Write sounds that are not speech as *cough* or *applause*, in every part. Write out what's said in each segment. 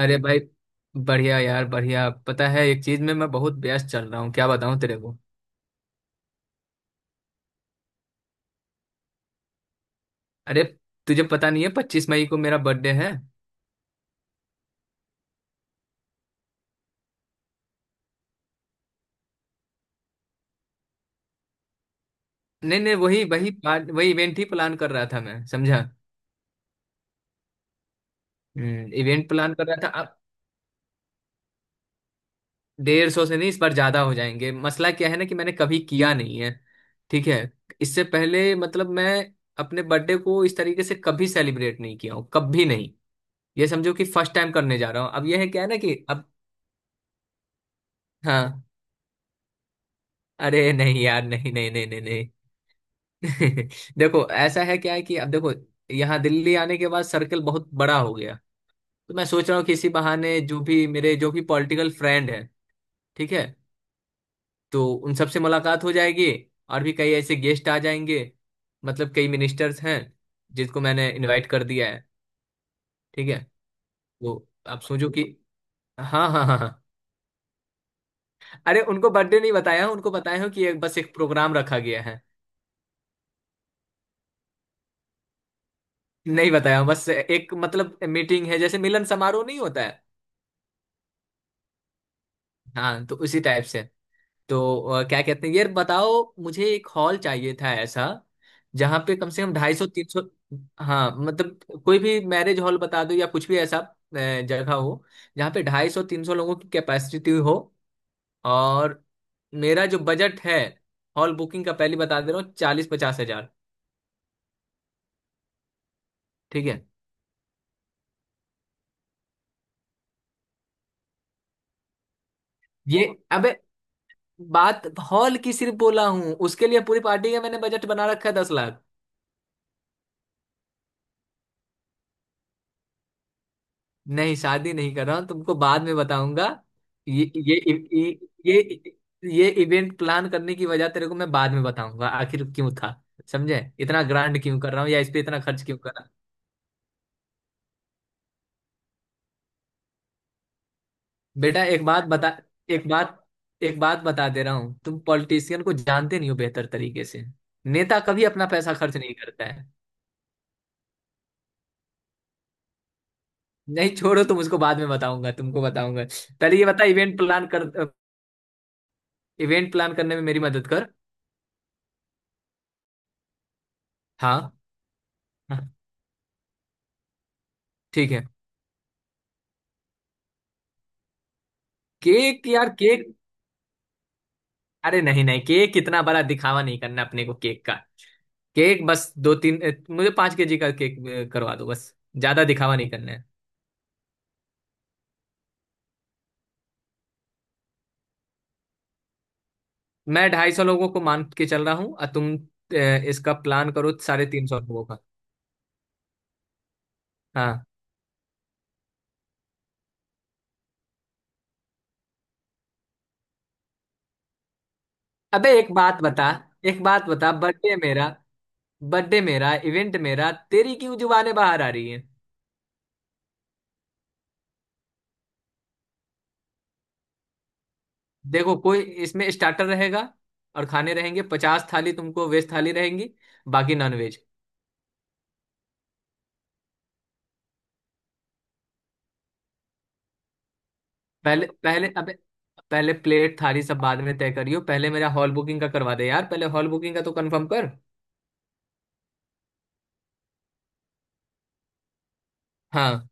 अरे भाई। बढ़िया यार, बढ़िया। पता है, एक चीज में मैं बहुत व्यस्त चल रहा हूँ, क्या बताऊँ तेरे को। अरे, तुझे पता नहीं है, 25 मई को मेरा बर्थडे है। नहीं नहीं, वही वही प्लान, वही इवेंट ही प्लान कर रहा था, मैं समझा। हम्म, इवेंट प्लान कर रहा था अब। 150 से नहीं, इस बार ज्यादा हो जाएंगे। मसला क्या है ना, कि मैंने कभी किया नहीं है। ठीक है। इससे पहले, मतलब मैं अपने बर्थडे को इस तरीके से कभी सेलिब्रेट नहीं किया हूँ, कभी नहीं। ये समझो कि फर्स्ट टाइम करने जा रहा हूँ। अब यह है, क्या है ना, कि अब। हाँ, अरे नहीं यार, नहीं नहीं नहीं नहीं नहीं। *laughs* देखो ऐसा है, क्या है कि अब देखो, यहाँ दिल्ली आने के बाद सर्कल बहुत बड़ा हो गया। तो मैं सोच रहा हूँ कि इसी बहाने जो भी पॉलिटिकल फ्रेंड है, ठीक है, तो उन सब से मुलाकात हो जाएगी, और भी कई ऐसे गेस्ट आ जाएंगे। मतलब कई मिनिस्टर्स हैं जिसको मैंने इनवाइट कर दिया है। ठीक है, तो आप सोचो कि, हाँ हाँ हाँ हाँ। अरे, उनको बर्थडे नहीं बताया हूँ, उनको बताया हूँ कि एक बस एक प्रोग्राम रखा गया है। नहीं बताया हूँ, बस एक मतलब मीटिंग है, जैसे मिलन समारोह नहीं होता है, हाँ, तो उसी टाइप से। तो क्या कहते हैं यार बताओ, मुझे एक हॉल चाहिए था ऐसा, जहाँ पे कम से कम 250 300, हाँ मतलब कोई भी मैरिज हॉल बता दो या कुछ भी ऐसा जगह हो, जहाँ पे 250 300 लोगों की कैपेसिटी हो। और मेरा जो बजट है, हॉल बुकिंग का पहले बता दे रहा हूँ, 40-50 हजार। ठीक है। ये अबे, बात हॉल की सिर्फ बोला हूँ, उसके लिए पूरी पार्टी का मैंने बजट बना रखा है 10 लाख। नहीं शादी नहीं कर रहा हूँ, तुमको बाद में बताऊंगा। ये ये ये ये ये इवेंट प्लान करने की वजह तेरे को मैं बाद में बताऊंगा, आखिर क्यों था। समझे? इतना ग्रांड क्यों कर रहा हूँ, या इस पे इतना खर्च क्यों कर रहा हूँ। बेटा, एक बात बता, एक बात एक बात बता दे रहा हूँ, तुम पॉलिटिशियन को जानते नहीं हो बेहतर तरीके से। नेता कभी अपना पैसा खर्च नहीं करता है। नहीं छोड़ो, तुम उसको बाद में बताऊंगा, तुमको बताऊंगा। पहले ये बता, इवेंट प्लान करने में मेरी मदद कर। हाँ, हाँ, ठीक है। केक यार केक, अरे नहीं नहीं, केक इतना बड़ा दिखावा नहीं करना अपने को, केक का, केक बस दो तीन, मुझे 5 केजी का केक करवा दो बस, ज्यादा दिखावा नहीं करना है। मैं 250 लोगों को मान के चल रहा हूँ, और तुम इसका प्लान करो 350 लोगों का। हाँ, अबे एक बात बता, बर्थडे मेरा, बर्थडे मेरा, इवेंट मेरा, तेरी क्यों जुबानें बाहर आ रही है। देखो, कोई इसमें स्टार्टर रहेगा और खाने रहेंगे, 50 थाली तुमको वेज थाली रहेंगी, बाकी नॉन वेज। पहले पहले अबे, पहले प्लेट थाली सब बाद में तय करियो, पहले मेरा हॉल बुकिंग का करवा दे यार, पहले हॉल बुकिंग का तो कंफर्म कर। हाँ,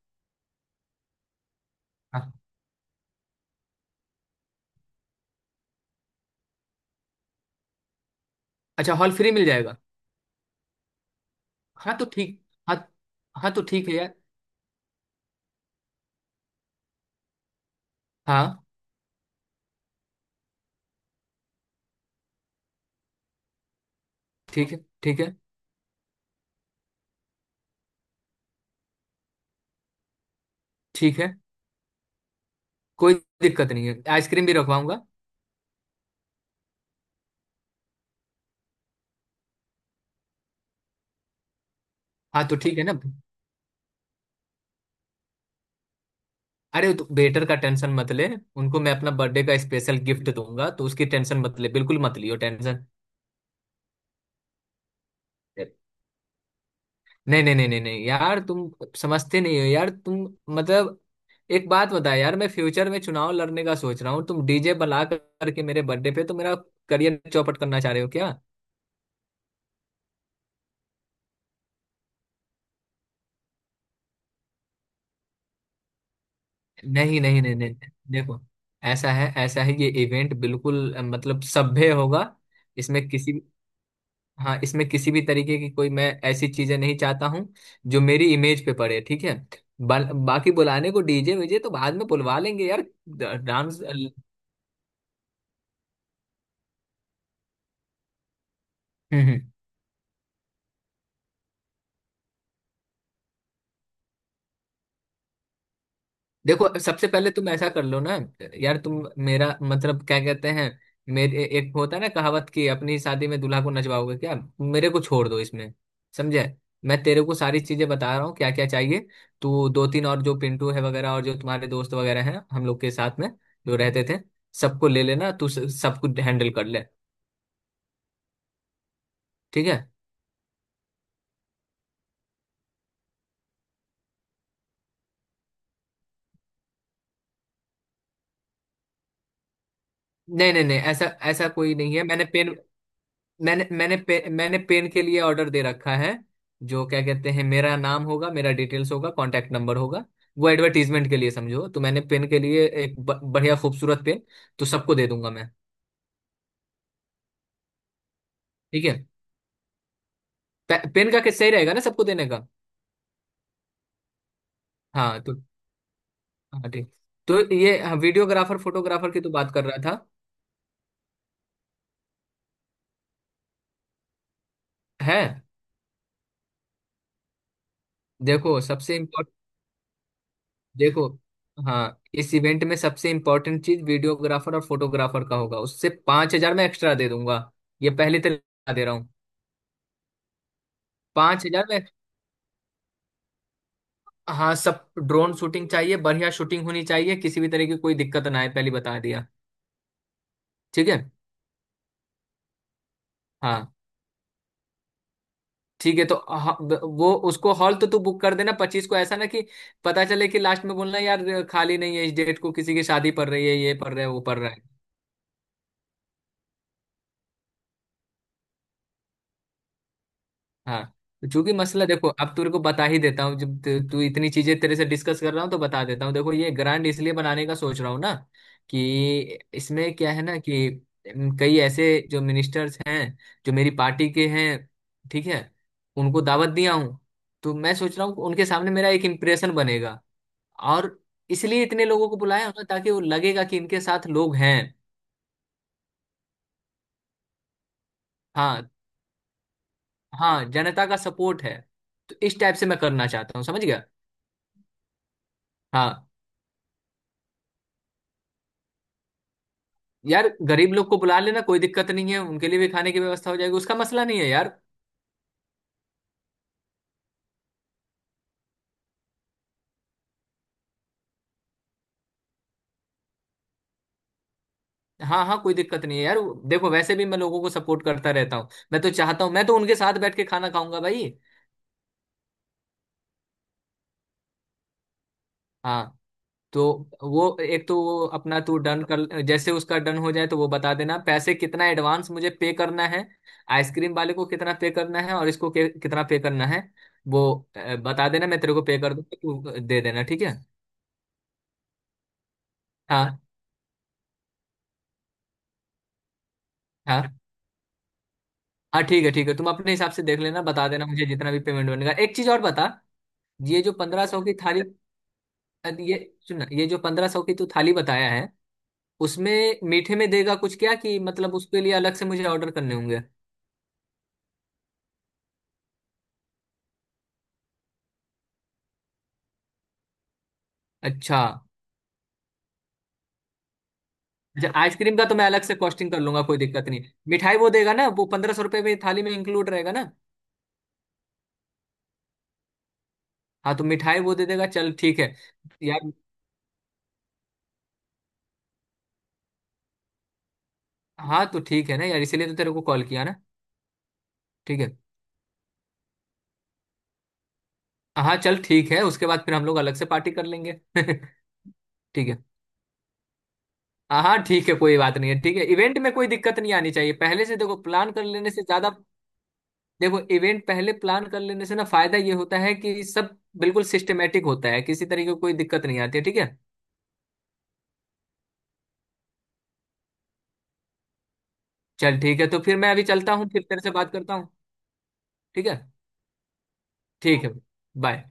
हाँ। अच्छा, हॉल फ्री मिल जाएगा, हाँ तो ठीक। हाँ, हाँ तो ठीक है यार। हाँ ठीक है, ठीक है। ठीक है, कोई दिक्कत नहीं है, आइसक्रीम भी रखवाऊंगा। हाँ तो ठीक है ना। अरे, तो वेटर का टेंशन मत ले, उनको मैं अपना बर्थडे का स्पेशल गिफ्ट दूंगा, तो उसकी टेंशन मत ले, बिल्कुल मत लियो टेंशन। नहीं नहीं नहीं नहीं नहीं यार, तुम समझते नहीं हो यार तुम, मतलब, एक बात बता यार, मैं फ्यूचर में चुनाव लड़ने का सोच रहा हूँ, तुम डीजे करके मेरे बर्थडे पे, तो मेरा करियर चौपट करना चाह रहे हो क्या? नहीं नहीं नहीं नहीं नहीं। देखो, ऐसा है, ये इवेंट बिल्कुल मतलब सभ्य होगा। इसमें किसी भी- हाँ, इसमें किसी भी तरीके की कोई, मैं ऐसी चीजें नहीं चाहता हूँ जो मेरी इमेज पे पड़े, ठीक है। बाकी बुलाने को डीजे वीजे तो बाद में बुलवा लेंगे यार। डांस। हम्म, देखो, सबसे पहले तुम ऐसा कर लो ना, यार तुम, मेरा मतलब क्या कहते हैं, मेरे एक होता है ना, कहावत की, अपनी शादी में दूल्हा को नचवाओगे क्या? मेरे को छोड़ दो इसमें, समझे। मैं तेरे को सारी चीजें बता रहा हूँ क्या क्या चाहिए। तू दो तीन, और जो पिंटू है वगैरह, और जो तुम्हारे दोस्त वगैरह हैं हम लोग के साथ में जो रहते थे, सबको ले लेना तू, सबको हैंडल कर ले। ठीक है। नहीं नहीं नहीं, ऐसा, ऐसा कोई नहीं है। मैंने पेन मैंने मैंने पे, मैंने पेन के लिए ऑर्डर दे रखा है, जो क्या कहते हैं, मेरा नाम होगा, मेरा डिटेल्स होगा, कांटेक्ट नंबर होगा, वो एडवर्टीजमेंट के लिए समझो, तो मैंने पेन के लिए एक बढ़िया खूबसूरत पेन, तो सबको दे दूंगा मैं। ठीक है। पेन का किस सही रहेगा ना सबको देने का। हाँ तो, हाँ ठीक, तो ये, हाँ, वीडियोग्राफर फोटोग्राफर की तो बात कर रहा था। है। देखो सबसे इम्पोर्ट देखो, हाँ, इस इवेंट में सबसे इम्पोर्टेंट चीज वीडियोग्राफर और फोटोग्राफर का होगा, उससे 5,000 में एक्स्ट्रा दे दूंगा, ये पहले तो दे रहा हूँ, 5,000 में। हाँ, सब ड्रोन शूटिंग चाहिए, बढ़िया शूटिंग होनी चाहिए, किसी भी तरह की कोई दिक्कत ना आए, पहले बता दिया। ठीक है। हाँ ठीक है, वो उसको हॉल तो तू बुक कर देना 25 को, ऐसा ना कि पता चले कि लास्ट में बोलना यार खाली नहीं है इस डेट को, किसी की शादी पड़ रही है, ये पड़ रहा है, वो पड़ रहा है। हाँ, तो चूंकि मसला देखो, अब तेरे को बता ही देता हूँ, जब तू तू इतनी चीजें तेरे से डिस्कस कर रहा हूँ तो बता देता हूँ, देखो, ये ग्रांड इसलिए बनाने का सोच रहा हूँ ना, कि इसमें क्या है ना कि कई ऐसे जो मिनिस्टर्स हैं जो मेरी पार्टी के हैं, ठीक है, उनको दावत दिया हूँ। तो मैं सोच रहा हूँ कि उनके सामने मेरा एक इम्प्रेशन बनेगा, और इसलिए इतने लोगों को बुलाया हूं ना, ताकि वो लगेगा कि इनके साथ लोग हैं। हाँ हाँ, जनता का सपोर्ट है, तो इस टाइप से मैं करना चाहता हूँ, समझ गया। हाँ, यार गरीब लोग को बुला लेना, कोई दिक्कत नहीं है, उनके लिए भी खाने की व्यवस्था हो जाएगी, उसका मसला नहीं है यार। हाँ हाँ, कोई दिक्कत नहीं है यार, देखो वैसे भी मैं लोगों को सपोर्ट करता रहता हूँ, मैं तो चाहता हूँ, मैं तो उनके साथ बैठ के खाना खाऊंगा भाई। हाँ, तो वो एक, तो वो अपना तू डन कर, जैसे उसका डन हो जाए तो वो बता देना पैसे कितना एडवांस मुझे पे करना है, आइसक्रीम वाले को कितना पे करना है, और इसको कितना पे करना है, वो बता देना, मैं तेरे को पे कर दूंगा, तू दे देना, ठीक है। हाँ, हाँ हाँ ठीक है, ठीक है, तुम अपने हिसाब से देख लेना, बता देना मुझे जितना भी पेमेंट बनेगा। एक चीज और बता, ये जो 1,500 की थाली, ये, सुन ना, ये जो पंद्रह सौ की तू थाली बताया है, उसमें मीठे में देगा कुछ क्या, कि मतलब उसके लिए अलग से मुझे ऑर्डर करने होंगे। अच्छा। अच्छा, आइसक्रीम का तो मैं अलग से कॉस्टिंग कर लूंगा, कोई दिक्कत नहीं। मिठाई वो देगा ना, वो 1,500 रुपये में थाली में इंक्लूड रहेगा ना। हाँ, तो मिठाई वो दे देगा, चल ठीक है यार। हाँ, तो ठीक है ना यार, इसीलिए तो तेरे को कॉल किया ना। ठीक है। हाँ चल ठीक है, उसके बाद फिर हम लोग अलग से पार्टी कर लेंगे। *laughs* ठीक है। हाँ हाँ ठीक है, कोई बात नहीं है, ठीक है, इवेंट में कोई दिक्कत नहीं आनी चाहिए, पहले से देखो प्लान कर लेने से ज्यादा। देखो, इवेंट पहले प्लान कर लेने से ना फायदा ये होता है कि सब बिल्कुल सिस्टमेटिक होता है, किसी तरीके की कोई दिक्कत नहीं आती है, ठीक है। चल ठीक है, तो फिर मैं अभी चलता हूँ, फिर तेरे से बात करता हूँ। ठीक है। ठीक है, बाय।